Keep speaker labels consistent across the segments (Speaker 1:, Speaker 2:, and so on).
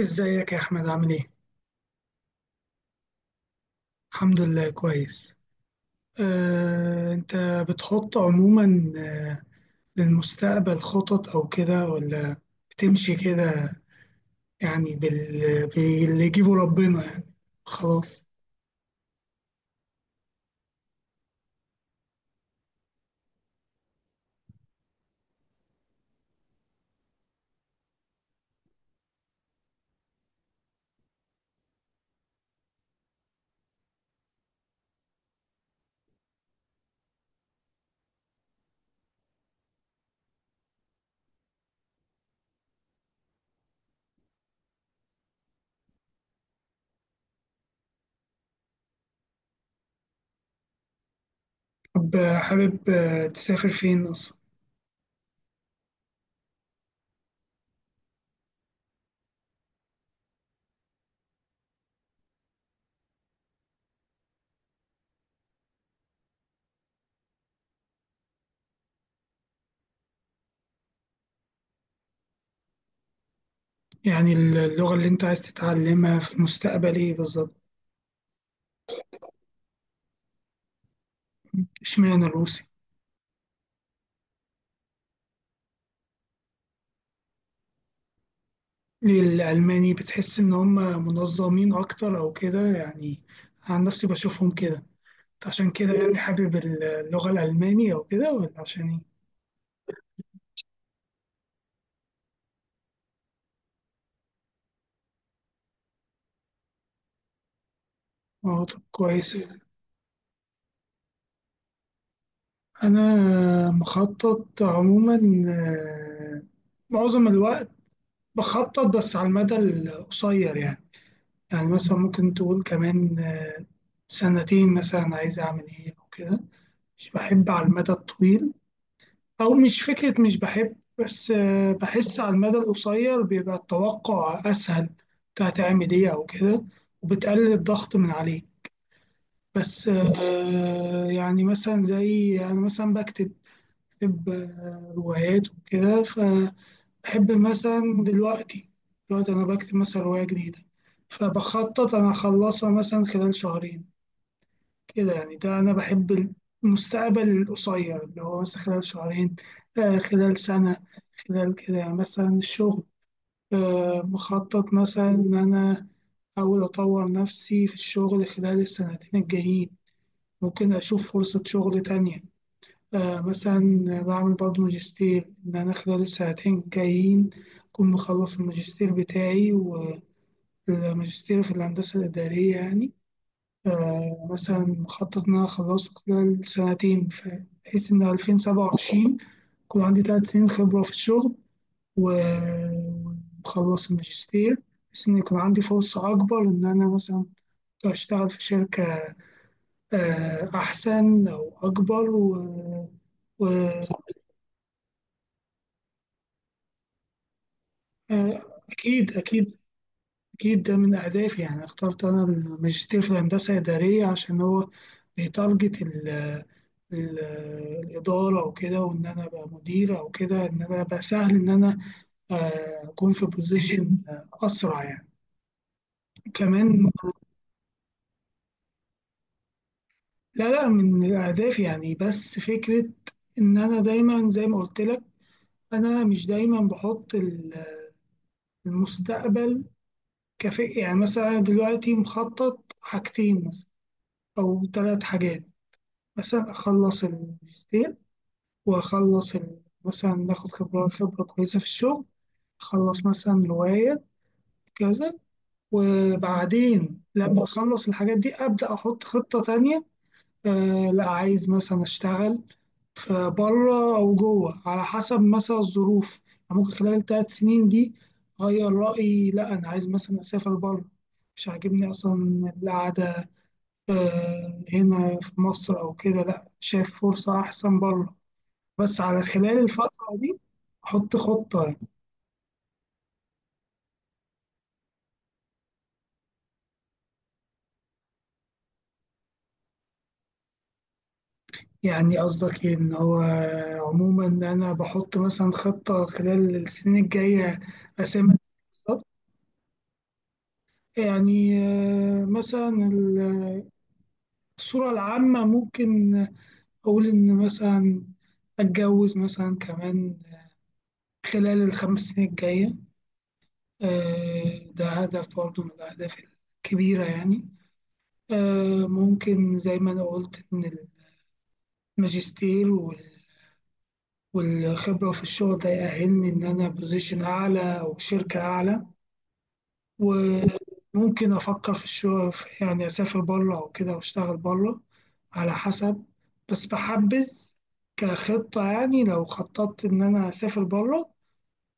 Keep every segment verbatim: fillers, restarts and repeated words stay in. Speaker 1: ازيك يا احمد، عامل ايه؟ الحمد لله، كويس. آه، انت بتحط عموما آه، للمستقبل خطط او كده، ولا بتمشي كده، يعني بال... باللي يجيبه ربنا يعني، خلاص؟ طب، آه، حابب آه، تسافر فين اصلا؟ يعني اللغة اللي انت عايز تتعلمها في المستقبل ايه بالظبط؟ اشمعنى الروسي؟ ليه الالماني؟ بتحس ان هم منظمين اكتر او كده يعني. عن نفسي بشوفهم كده، عشان كده يعني حابب اللغة الألمانية وكده، ولا عشان إيه؟ آه، طب كويس. أنا مخطط عموما، آه، معظم الوقت بخطط بس على المدى القصير يعني. يعني مثلا ممكن تقول كمان آه، سنتين مثلا، عايز أعمل إيه أو كده. مش بحب على المدى الطويل، أو مش فكرة، مش بحب، بس آه، بحس على المدى القصير بيبقى التوقع أسهل، بتاع تعمل إيه أو كده، وبتقلل الضغط من عليك. بس آه، يعني مثلا زي أنا مثلا بكتب بكتب آه، روايات وكده، فبحب مثلا دلوقتي دلوقتي أنا بكتب مثلا رواية جديدة، فبخطط أنا أخلصها مثلا خلال شهرين، كده يعني. ده أنا بحب المستقبل القصير، اللي هو مثلا خلال شهرين، آه، خلال سنة، خلال كده يعني. مثلا الشغل، آه، بخطط مثلا إن أنا أحاول أطور نفسي في الشغل خلال السنتين الجايين. ممكن أشوف فرصة شغل تانية آه مثلا، بعمل برضه ماجستير إن أنا خلال السنتين الجايين أكون مخلص الماجستير بتاعي، والماجستير في الهندسة الإدارية يعني. آه مثلا مخطط إن أنا أخلصه خلال سنتين، ف- بحيث إن ألفين وسبعة وعشرين يكون عندي تلات سنين خبرة في الشغل، و- ومخلص الماجستير، بحيث إن يكون عندي فرصة أكبر إن أنا مثلا أشتغل في شركة آه، أحسن أو أكبر و... و... آه، أكيد أكيد. أكيد ده من أهدافي يعني. اخترت أنا الماجستير في الهندسة إدارية عشان هو بيتارجت ال... ال... الإدارة وكده، وإن أنا أبقى مدير أو كده، إن أنا أبقى سهل إن أنا آه، أكون في بوزيشن أسرع يعني، كمان. لا لا، من أهدافي يعني، بس فكرة إن أنا دايما، زي ما قلت لك، أنا مش دايما بحط ال- المستقبل كافيه يعني. مثلا أنا دلوقتي مخطط حاجتين، مثلا أو ثلاث حاجات. مثلا أخلص الماجستير، وأخلص ال- مثلا ناخد خبرة خبرة كويسة في الشغل، أخلص مثلا هواية، كذا. وبعدين لما أخلص الحاجات دي أبدأ أحط خطة تانية. آه لا، عايز مثلا أشتغل في بره أو جوه، على حسب مثلا الظروف يعني. ممكن خلال ثلاث سنين دي أغير رأيي، لا أنا عايز مثلا أسافر بره، مش عاجبني أصلا القعدة آه، هنا في مصر أو كده، لأ، شايف فرصة أحسن بره، بس على خلال الفترة دي أحط خطة. يعني قصدك إيه، إن هو عموما أنا بحط مثلا خطة خلال السنين الجاية، أسامي بالظبط؟ يعني آه، مثلا ال- الصورة العامة ممكن أقول إن مثلا أتجوز مثلا كمان خلال الخمس سنين الجاية. آه، ده هدف برضه من الأهداف الكبيرة يعني. آه، ممكن زي ما أنا قلت إن الماجستير وال- والخبرة في الشغل ده يأهلني إن أنا بوزيشن أعلى أو شركة أعلى، وممكن أفكر في الشغل في- يعني أسافر بره أو كده وأشتغل بره، على حسب. بس بحبذ كخطة، يعني لو خططت إن أنا أسافر بره،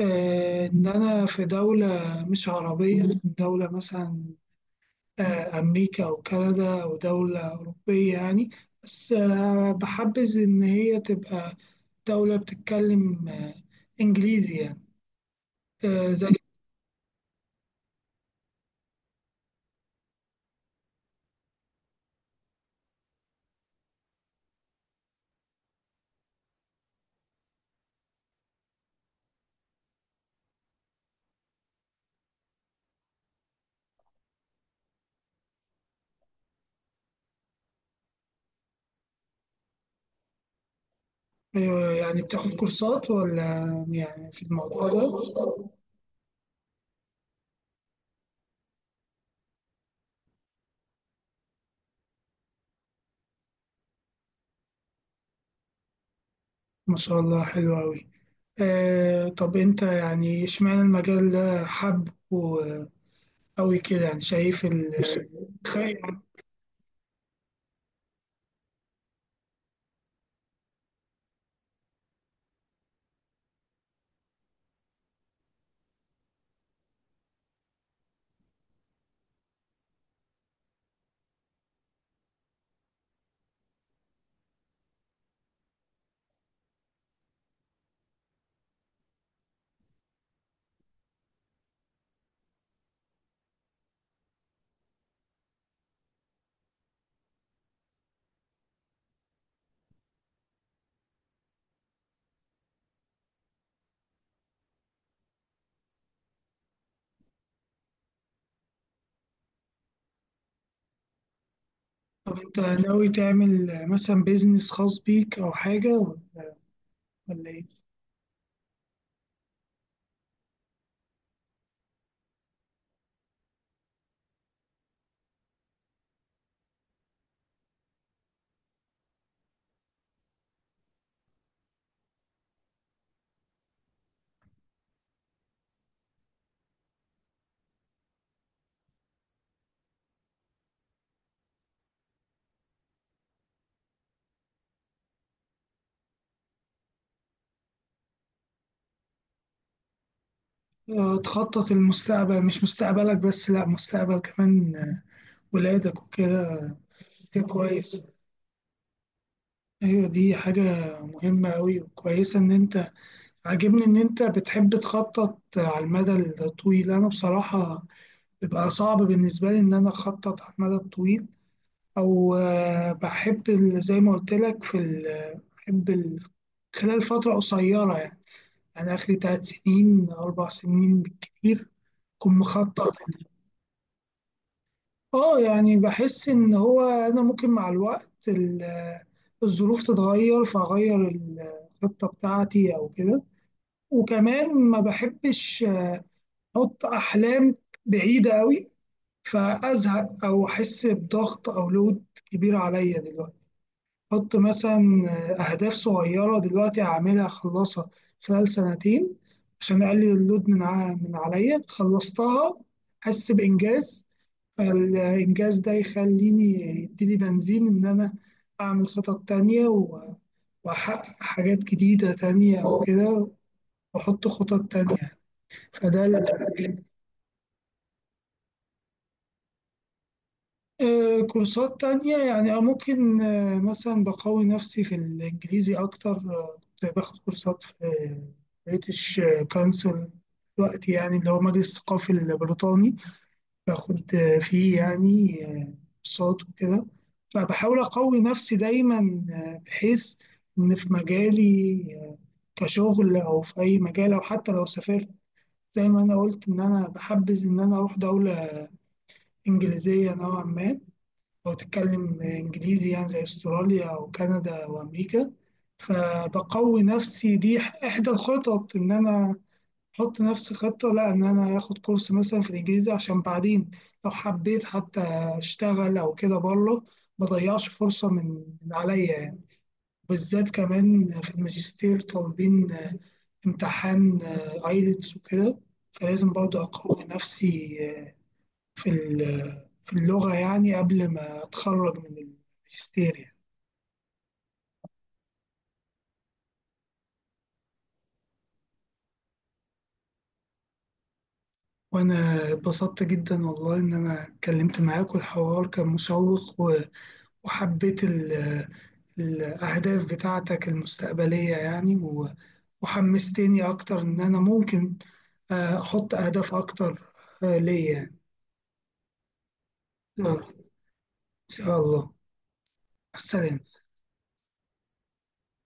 Speaker 1: آه، إن أنا في دولة مش عربية، دولة مثلا آه، أمريكا أو كندا أو دولة أوروبية يعني، بس آه، بحبذ إن هي تبقى دولة بتتكلم آه، إنجليزي يعني، آه، زي. أيوة، يعني بتاخد كورسات، ولا يعني في الموضوع ده؟ ما شاء الله، حلو أوي. آه، طب أنت يعني إشمعنى المجال ده حب أوي كده، يعني شايف ال خير. طب أنت ناوي تعمل مثلا بيزنس خاص بيك أو حاجة، ولا إيه؟ آه، تخطط المستقبل، مش مستقبلك بس، لا، مستقبل كمان آه، ولادك وكده. ده كويس. ايوه، دي حاجة مهمة أوي وكويسة إن أنت. عاجبني إن أنت بتحب تخطط آه، على المدى الطويل. أنا بصراحة بيبقى صعب بالنسبة لي إن أنا أخطط على المدى الطويل، أو آه، بحب ال- زي ما قلت لك في ال- بحب ال- خلال فترة قصيرة يعني. أنا آخري تلات سنين أربع سنين بالكتير أكون مخطط. اه، يعني بحس ان هو انا ممكن مع الوقت ال- الظروف تتغير، فاغير الخطه بتاعتي او كده. وكمان ما بحبش احط احلام بعيده قوي فازهق او احس بضغط او لود كبير عليا دلوقتي. حط مثلا أهداف صغيرة دلوقتي هعملها، أخلصها خلال سنتين عشان أقلل اللود من ع- من عليا، خلصتها أحس بإنجاز، فالإنجاز ده يخليني، يديلي بنزين إن أنا أعمل خطط تانية، و- وأحقق حاجات جديدة تانية وكده، وأحط خطط تانية فده. آه، كورسات تانية يعني، آه، ممكن آه، مثلا بقوي نفسي في الإنجليزي أكتر. آه، كنت باخد كورسات في بريتش كونسل، دلوقتي يعني اللي هو مجلس الثقافي البريطاني، باخد آه، فيه يعني آه، كورسات وكده، فبحاول أقوي نفسي دايما آه، بحيث إن في مجالي آه، كشغل أو في أي مجال، أو حتى لو سافرت، زي ما أنا قلت إن أنا بحبذ إن أنا أروح دولة إنجليزية نوعا ما، لو تتكلم إنجليزي، يعني زي أستراليا أو كندا وأمريكا. فبقوي نفسي، دي إحدى الخطط إن أنا أحط نفسي خطة، لا إن أنا آخد كورس مثلا في الإنجليزي عشان بعدين لو حبيت حتى أشتغل أو كده بره، ما ضيعش فرصة من من عليا يعني. بالذات كمان في الماجستير طالبين امتحان ايلتس وكده، فلازم برضه أقوي نفسي آه، في ال- في اللغة، يعني قبل ما أتخرج من الماجستير يعني. وأنا اتبسطت جدا والله إن أنا اتكلمت معاك، والحوار كان مشوق و- وحبيت ال- الأهداف بتاعتك المستقبلية يعني، و- وحمستني أكتر إن أنا ممكن آه، أحط أهداف أكتر آه، ليا يعني. يلا، إن شاء الله. السلام.